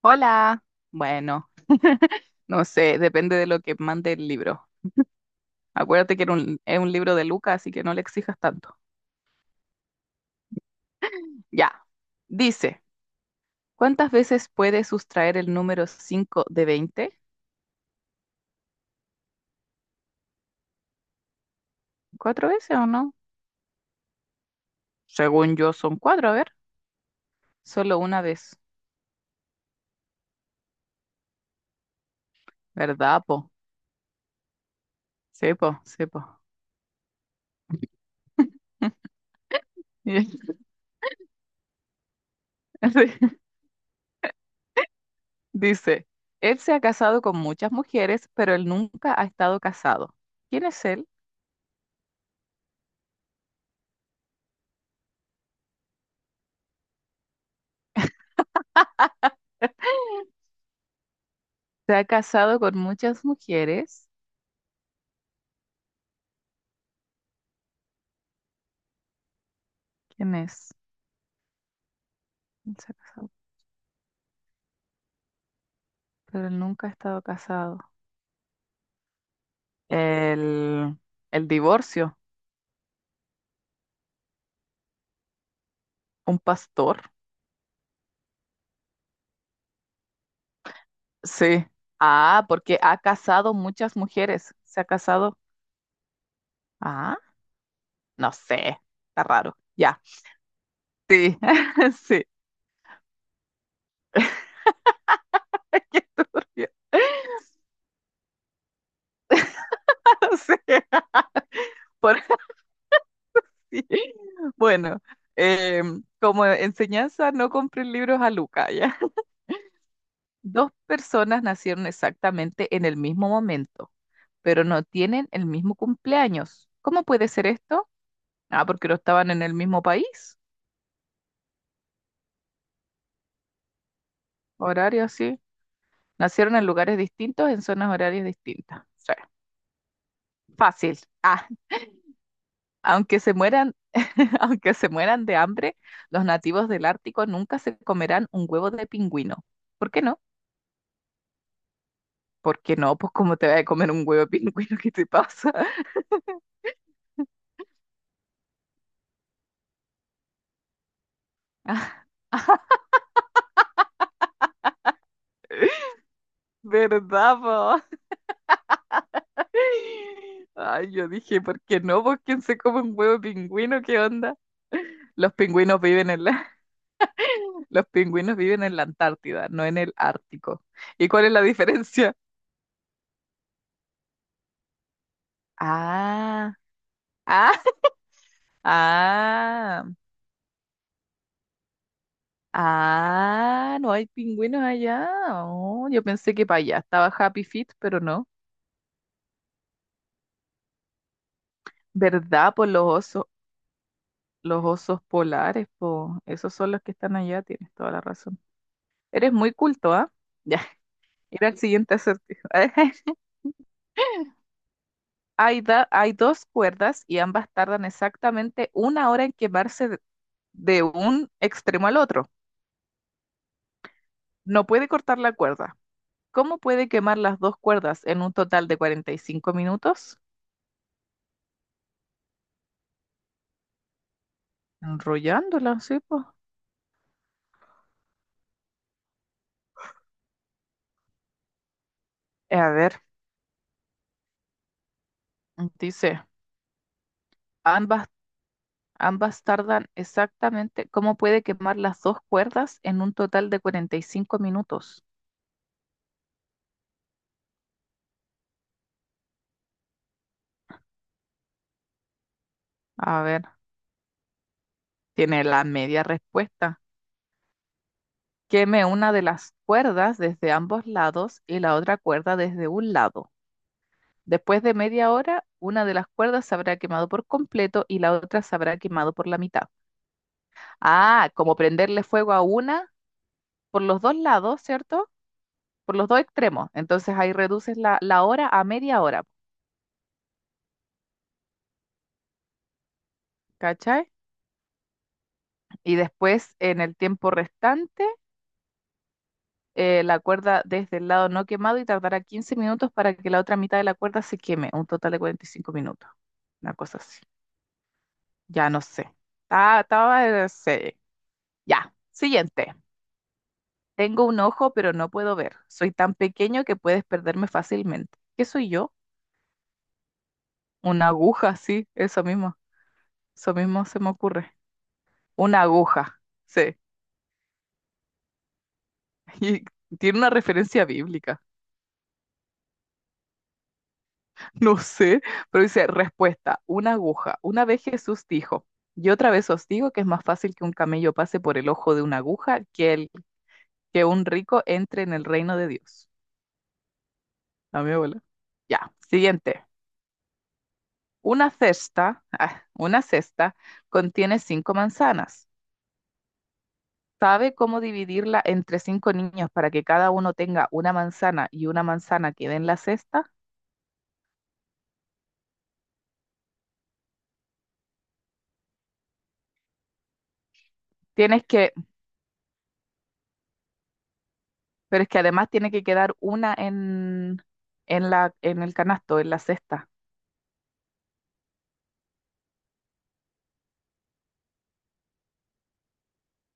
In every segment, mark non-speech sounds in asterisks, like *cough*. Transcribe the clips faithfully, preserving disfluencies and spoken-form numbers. Hola. Bueno, no sé, depende de lo que mande el libro. Acuérdate que era un- es un libro de Lucas, así que no le exijas tanto. Ya. Dice, ¿cuántas veces puedes sustraer el número cinco de veinte? ¿Cuatro veces o no? Según yo son cuatro, a ver. Solo una vez, ¿verdad, po? Sí, po, sí, po. *laughs* Y- *laughs* Dice, él se ha casado con muchas mujeres, pero él nunca ha estado casado. ¿Quién es él? Se ha casado con muchas mujeres. ¿Quién es? Él se ha casado, pero él nunca ha estado casado. El, el divorcio, un pastor. Sí. Ah, porque ha casado muchas mujeres. Se ha casado. Ah, no sé. Está raro. Ya. Sí. *laughs* Sí. *laughs* Qué turbio. *laughs* Sí. Por así. Bueno, em, como enseñanza, no compren libros a Luca, ¿ya? Dos personas nacieron exactamente en el mismo momento, pero no tienen el mismo cumpleaños. ¿Cómo puede ser esto? Ah, porque no estaban en el mismo país, horario así. Nacieron en lugares distintos, en zonas horarias distintas. Sí. Fácil. Ah, aunque se mueran, *laughs* aunque se mueran de hambre, los nativos del Ártico nunca se comerán un huevo de pingüino. ¿Por qué no? ¿Por qué no? Pues ¿cómo te vas a comer un huevo de pingüino? *laughs* ¿Qué te pasa? *laughs* ¿Verdad, po? Ay, yo dije, ¿por qué no? ¿Por quién se come un huevo de pingüino? ¿Qué onda? Los pingüinos viven en la, *laughs* los pingüinos viven en la Antártida, no en el Ártico. ¿Y cuál es la diferencia? Ah, ah, ah, ah, no hay pingüinos allá. Oh, yo pensé que para allá estaba Happy Feet, pero no. ¿Verdad? Por los osos, los osos polares, po. Esos son los que están allá, tienes toda la razón. Eres muy culto, ¿ah? Ya, *laughs* ir al siguiente acertijo. *laughs* Hay, da- hay dos cuerdas y ambas tardan exactamente una hora en quemarse de de un extremo al otro. No puede cortar la cuerda. ¿Cómo puede quemar las dos cuerdas en un total de cuarenta y cinco minutos? Enrollándola. Sí, pues. A ver, dice, ambas, ambas tardan exactamente. ¿Cómo puede quemar las dos cuerdas en un total de cuarenta y cinco minutos? A ver, tiene la media respuesta. Queme una de las cuerdas desde ambos lados y la otra cuerda desde un lado. Después de media hora, una de las cuerdas se habrá quemado por completo y la otra se habrá quemado por la mitad. Ah, como prenderle fuego a una por los dos lados, ¿cierto? Por los dos extremos. Entonces ahí reduces la, la hora a media hora, ¿cachai? Y después, en el tiempo restante, eh, la cuerda desde el lado no quemado y tardará quince minutos para que la otra mitad de la cuerda se queme, un total de cuarenta y cinco minutos. Una cosa así. Ya no sé. Ah, estaba, sí. Ya. Siguiente. Tengo un ojo, pero no puedo ver. Soy tan pequeño que puedes perderme fácilmente. ¿Qué soy yo? Una aguja, sí, eso mismo. Eso mismo se me ocurre. Una aguja, sí. *laughs* Y tiene una referencia bíblica. No sé, pero dice respuesta, una aguja. Una vez Jesús dijo, y otra vez os digo que es más fácil que un camello pase por el ojo de una aguja que, el, que un rico entre en el reino de Dios. A mi abuela. Ya, siguiente. Una cesta, ah, una cesta contiene cinco manzanas. ¿Sabe cómo dividirla entre cinco niños para que cada uno tenga una manzana y una manzana quede en la cesta? Tienes que, pero es que además tiene que quedar una en, en la, en el canasto, en la cesta.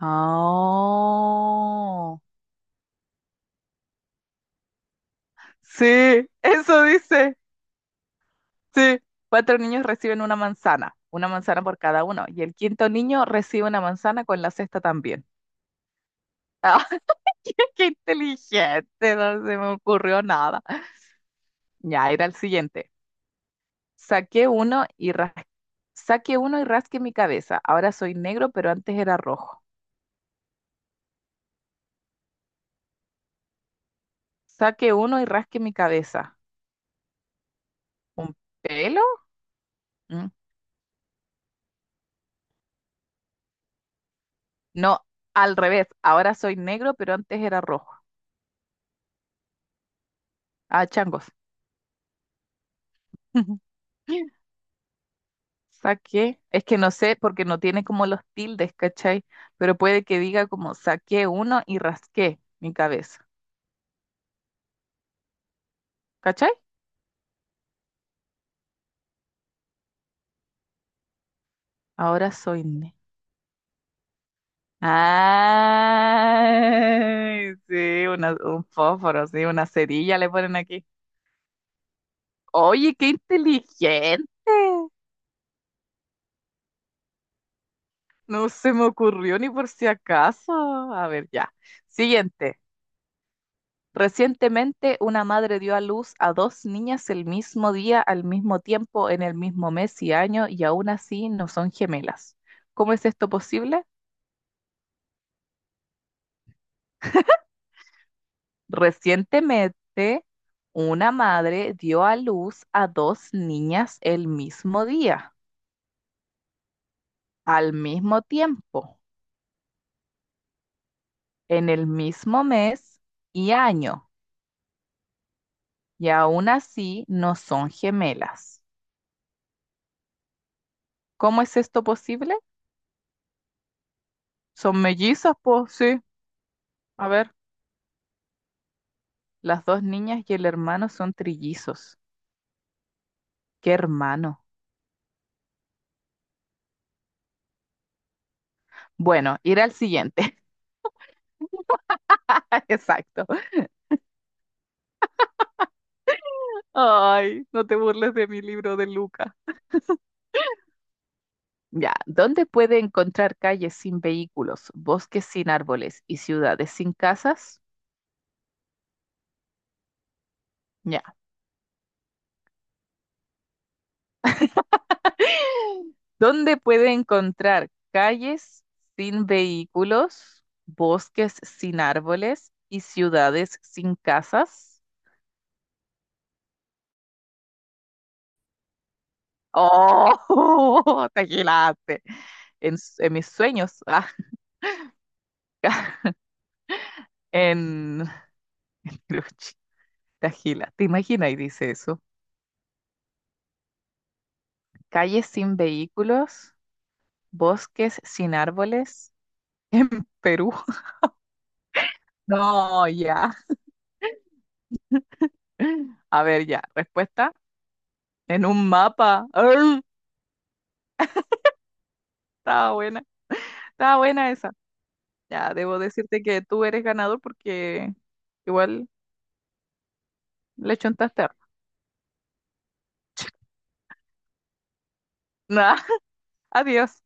Oh, sí, eso dice. Sí, cuatro niños reciben una manzana, una manzana por cada uno, y el quinto niño recibe una manzana con la cesta también. *laughs* Qué inteligente, no se me ocurrió nada. Ya, era el siguiente. Saqué uno y ras- Saqué uno y rasqué mi cabeza. Ahora soy negro, pero antes era rojo. Saqué uno y rasqué mi cabeza. ¿Un pelo? Mm. No, al revés. Ahora soy negro, pero antes era rojo. Ah, changos. *laughs* Saqué. Es que no sé porque no tiene como los tildes, ¿cachai? Pero puede que diga como saqué uno y rasqué mi cabeza. ¿Cachai? Ahora soy negro. Ay, sí, una- un fósforo, sí, una cerilla le ponen aquí. Oye, qué inteligente. No se me ocurrió ni por si acaso. A ver, ya. Siguiente. Recientemente, una madre dio a luz a dos niñas el mismo día, al mismo tiempo, en el mismo mes y año, y aún así no son gemelas. ¿Cómo es esto posible? Recientemente, una madre dio a luz a dos niñas el mismo día, al mismo tiempo, en el mismo mes y año, y aún así no son gemelas. ¿Cómo es esto posible? Son mellizas, pues sí. A ver, las dos niñas y el hermano son trillizos. ¿Qué hermano? Bueno, ir al siguiente. *laughs* Exacto. Ay, no te burles de mi libro de Lucas. Ya, ¿dónde puede encontrar calles sin vehículos, bosques sin árboles y ciudades sin casas? Ya, ¿dónde puede encontrar calles sin vehículos, bosques sin árboles y ciudades sin casas? ¡Oh! *laughs* ¡Te agilaste! En, s- en mis sueños, ah, en... *laughs* Cruch, te agila, ¿te imaginas? Y dice eso. Calles sin vehículos, bosques sin árboles *laughs* en Perú. No, ya. A ver, ya. Respuesta en un mapa. ¡Arr! Estaba buena. Estaba buena esa. Ya, debo decirte que tú eres ganador porque igual le chuntaste. Harto. *laughs* Nah, adiós.